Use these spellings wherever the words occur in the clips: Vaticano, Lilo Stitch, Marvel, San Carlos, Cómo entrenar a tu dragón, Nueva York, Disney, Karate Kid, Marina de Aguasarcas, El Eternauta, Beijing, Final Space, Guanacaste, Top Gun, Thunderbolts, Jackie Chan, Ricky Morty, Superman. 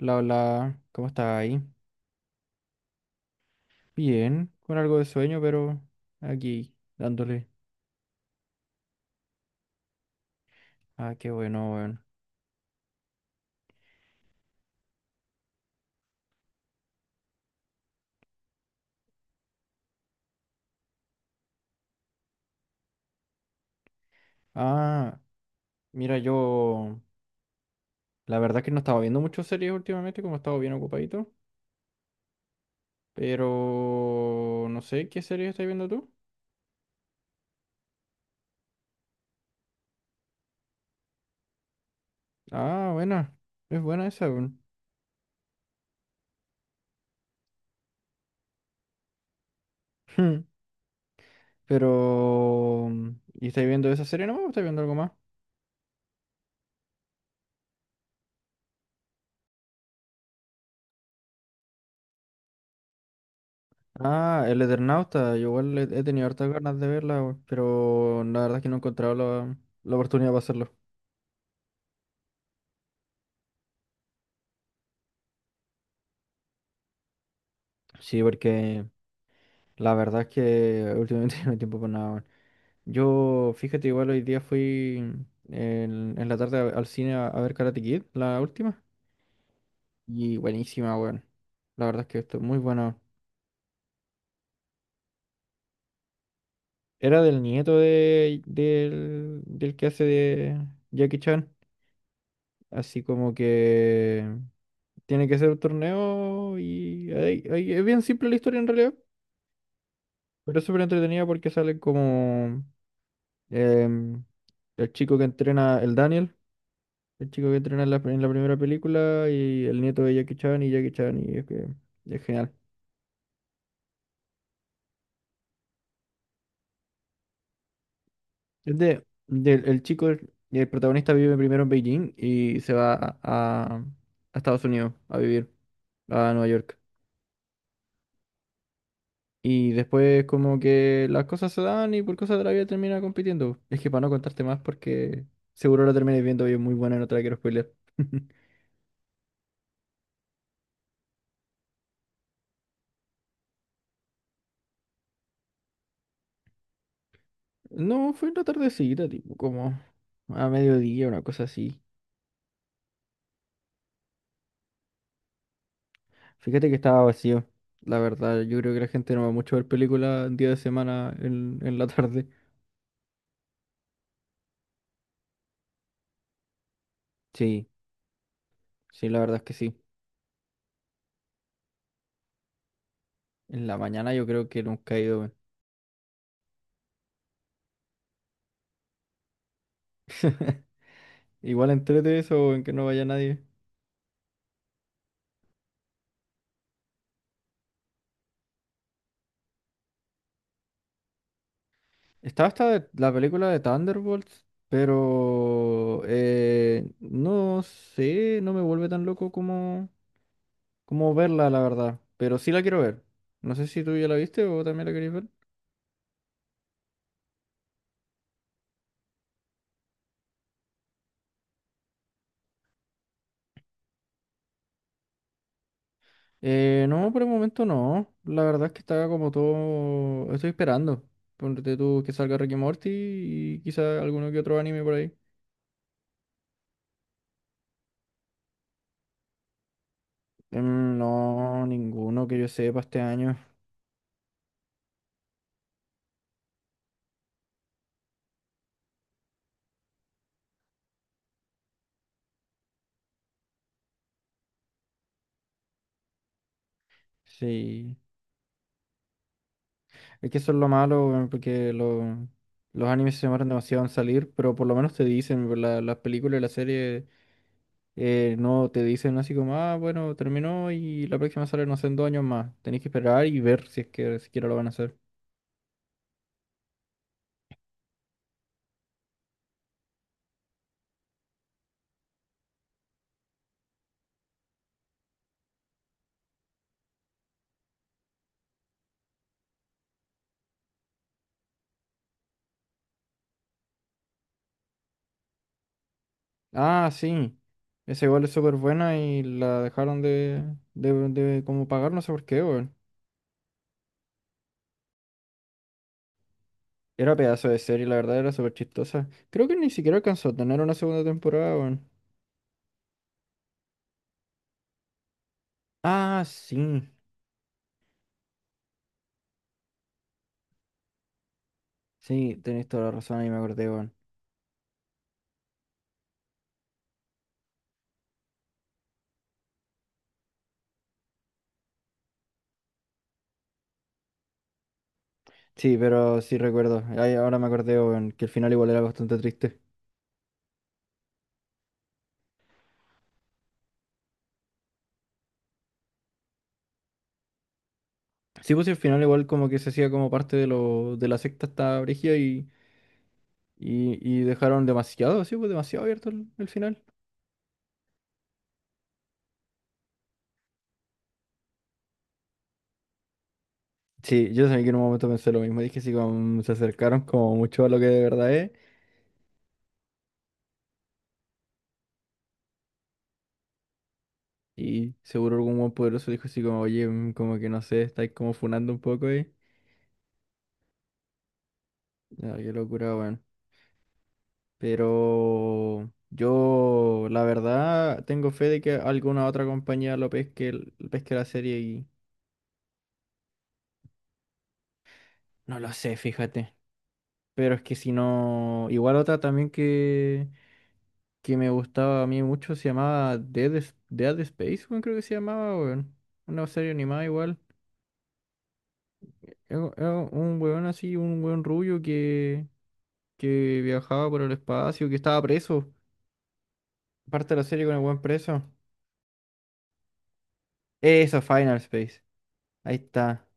Hola, hola, ¿cómo estás ahí? Bien, con algo de sueño, pero aquí dándole. Ah, qué bueno, weón. Ah, mira, yo la verdad es que no estaba viendo muchas series últimamente, como he estado bien ocupadito, pero no sé qué serie estás viendo tú. Ah, buena, es buena esa, weón. Pero, ¿y estáis viendo esa serie nomás o estáis viendo algo más? Ah, El Eternauta, yo igual he tenido hartas ganas de verla, weón, pero la verdad es que no he encontrado la, la oportunidad para hacerlo. Sí, porque la verdad es que últimamente no hay tiempo para nada, weón. Yo, fíjate, igual hoy día fui en la tarde al cine a ver Karate Kid, la última, y buenísima, weón. La verdad es que esto es muy bueno. Era del nieto de, del, del que hace de Jackie Chan, así como que tiene que ser un torneo y ahí es bien simple la historia en realidad, pero es súper entretenida porque salen como... em, el chico que entrena, el Daniel, el chico que entrena en la primera película y el nieto de Jackie Chan y es que es genial. Es de, el chico, el protagonista vive primero en Beijing y se va a, a Estados Unidos a vivir, a Nueva York. Y después como que las cosas se dan y por cosas de la vida termina compitiendo. Es que para no contarte más porque seguro la terminé viendo y es muy buena y no te la quiero spoiler. No, fue una la tardecita, tipo, como a mediodía, una cosa así. Fíjate que estaba vacío. La verdad, yo creo que la gente no va mucho a ver películas en día de semana en la tarde. Sí, sí, la verdad es que sí. En la mañana yo creo que nunca he ido, weón. Igual entrete eso en que no vaya nadie. Estaba hasta la película de Thunderbolts, pero no sé, no me vuelve tan loco como, como verla, la verdad. Pero sí la quiero ver. No sé si tú ya la viste o también la querías ver. No, por el momento no. La verdad es que está como todo. Estoy esperando. Ponte tú que salga Ricky Morty y quizá alguno que otro anime por ahí. No, ninguno que yo sepa este año. Sí. Es que eso es lo malo, weón, porque los animes se demoran demasiado en salir, pero por lo menos te dicen, por las películas y las series no te dicen así como, ah, bueno, terminó y la próxima sale, no sé, en dos años más. Tenéis que esperar y ver si es que siquiera lo van a hacer. Ah, sí. Esa igual es súper buena y la dejaron de como pagar, no sé por qué, weón. Era pedazo de serie, la verdad, era súper chistosa. Creo que ni siquiera alcanzó a tener una segunda temporada, weón. Ah, sí. Sí, tenéis toda la razón, ahí me acordé, weón. Sí, pero sí recuerdo. Ahí ahora me acordé, weón, que el final igual era bastante triste. Sí, pues sí, el final igual como que se hacía como parte de lo, de la secta hasta Brigia y dejaron demasiado, sí, pues demasiado abierto el final. Sí, yo también que en un momento pensé lo mismo. Dije así como se acercaron como mucho a lo que de verdad es. Y seguro algún buen poderoso dijo así como, oye, mm, como que no sé, estáis como funando un poco ahí. No, qué locura, weón. Pero yo, la verdad, tengo fe de que alguna otra compañía lo pesque, pesque la serie y no lo sé, fíjate. Pero es que si no, igual otra también que me gustaba a mí mucho se llamaba Dead, Dead Space, weón, creo que se llamaba, weón. Una serie animada igual. Es un weón así, un weón rubio que viajaba por el espacio, que estaba preso. Parte de la serie con el weón preso. Esa, Final Space. Ahí está.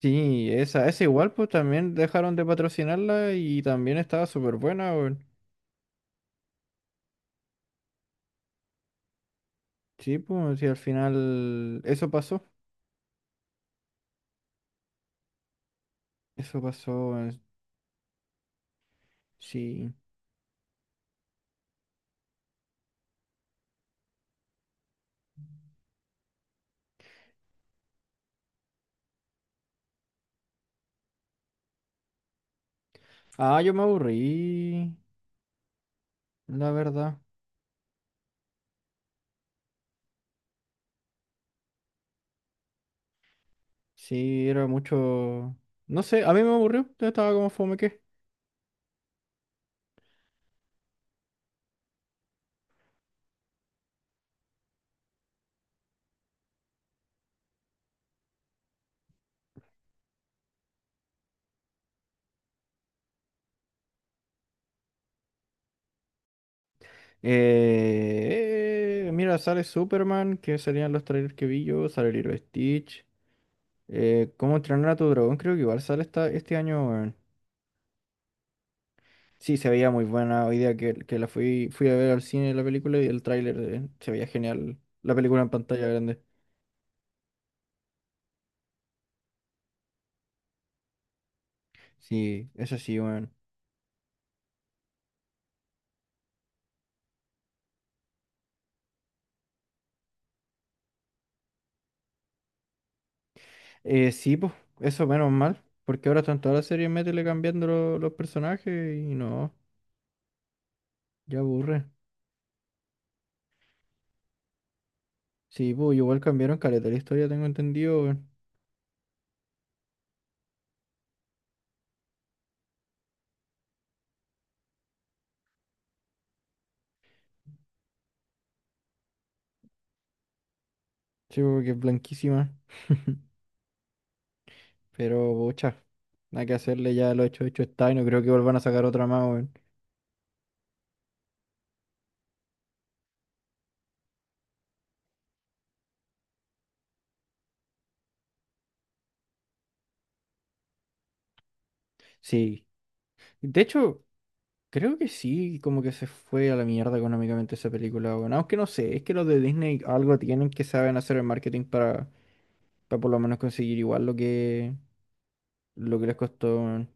Sí, esa igual, pues también dejaron de patrocinarla y también estaba súper buena, weón. Sí, pues sí, al final eso pasó. Eso pasó, sí. Ah, yo me aburrí, la verdad. Sí, era mucho... No sé, a mí me aburrió. Yo estaba como fome. Mira, sale Superman, que serían los trailers que vi yo, sale Lilo Stitch. ¿Cómo entrenar a tu dragón? Creo que igual sale esta, este año, weón. Sí, se veía muy buena. Hoy día que la fui, fui a ver al cine la película y el tráiler se veía genial. La película en pantalla grande. Sí, eso sí, weón. Sí, pues, eso menos mal. Porque ahora están todas las series métele cambiando los personajes y no, ya aburre. Sí, pues igual cambiaron caleta la historia, tengo entendido, weón. Sí, porque es blanquísima. Pero, bocha, nada que hacerle, ya lo hecho, hecho está, y no creo que vuelvan a sacar otra más, weón. Sí. De hecho, creo que sí, como que se fue a la mierda económicamente esa película, weón. Aunque no sé, es que los de Disney algo tienen que saben hacer el marketing para por lo menos conseguir igual lo que les costó, weón.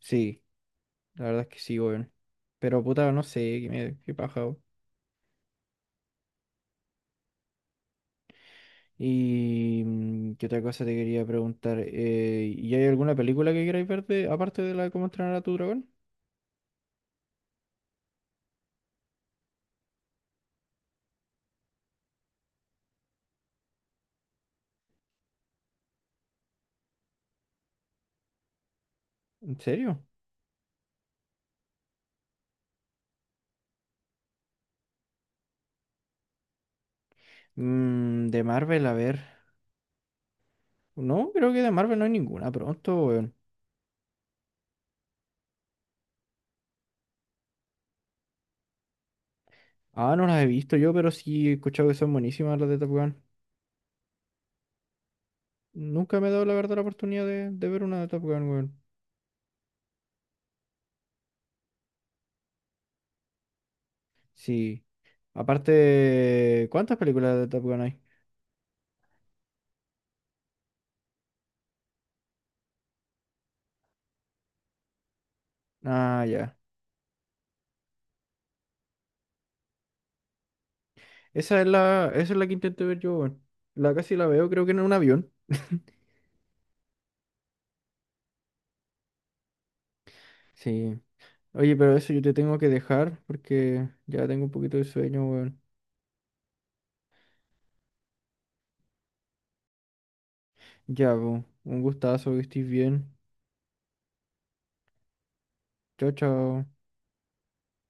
Sí, la verdad es que sí, weón. Pero, puta, no sé, qué, me, qué paja, weón. Y mm, qué otra cosa te quería preguntar. ¿Y hay alguna película que queráis ver aparte de la de cómo entrenar a tu dragón? ¿En serio? Mm, de Marvel, a ver. No, creo que de Marvel no hay ninguna pronto, weón. Ah, no las he visto yo, pero sí he escuchado que son buenísimas las de Top Gun. Nunca me he dado la verdad la oportunidad de ver una de Top Gun, weón. Sí. Aparte, ¿cuántas películas de Top Gun hay? Ah, ya. Esa es la que intenté ver yo, weón. La casi la veo, creo que en un avión. Sí. Oye, pero eso yo te tengo que dejar porque ya tengo un poquito de sueño, weón. Ya, po, un gustazo, que estés bien. Chao, chao.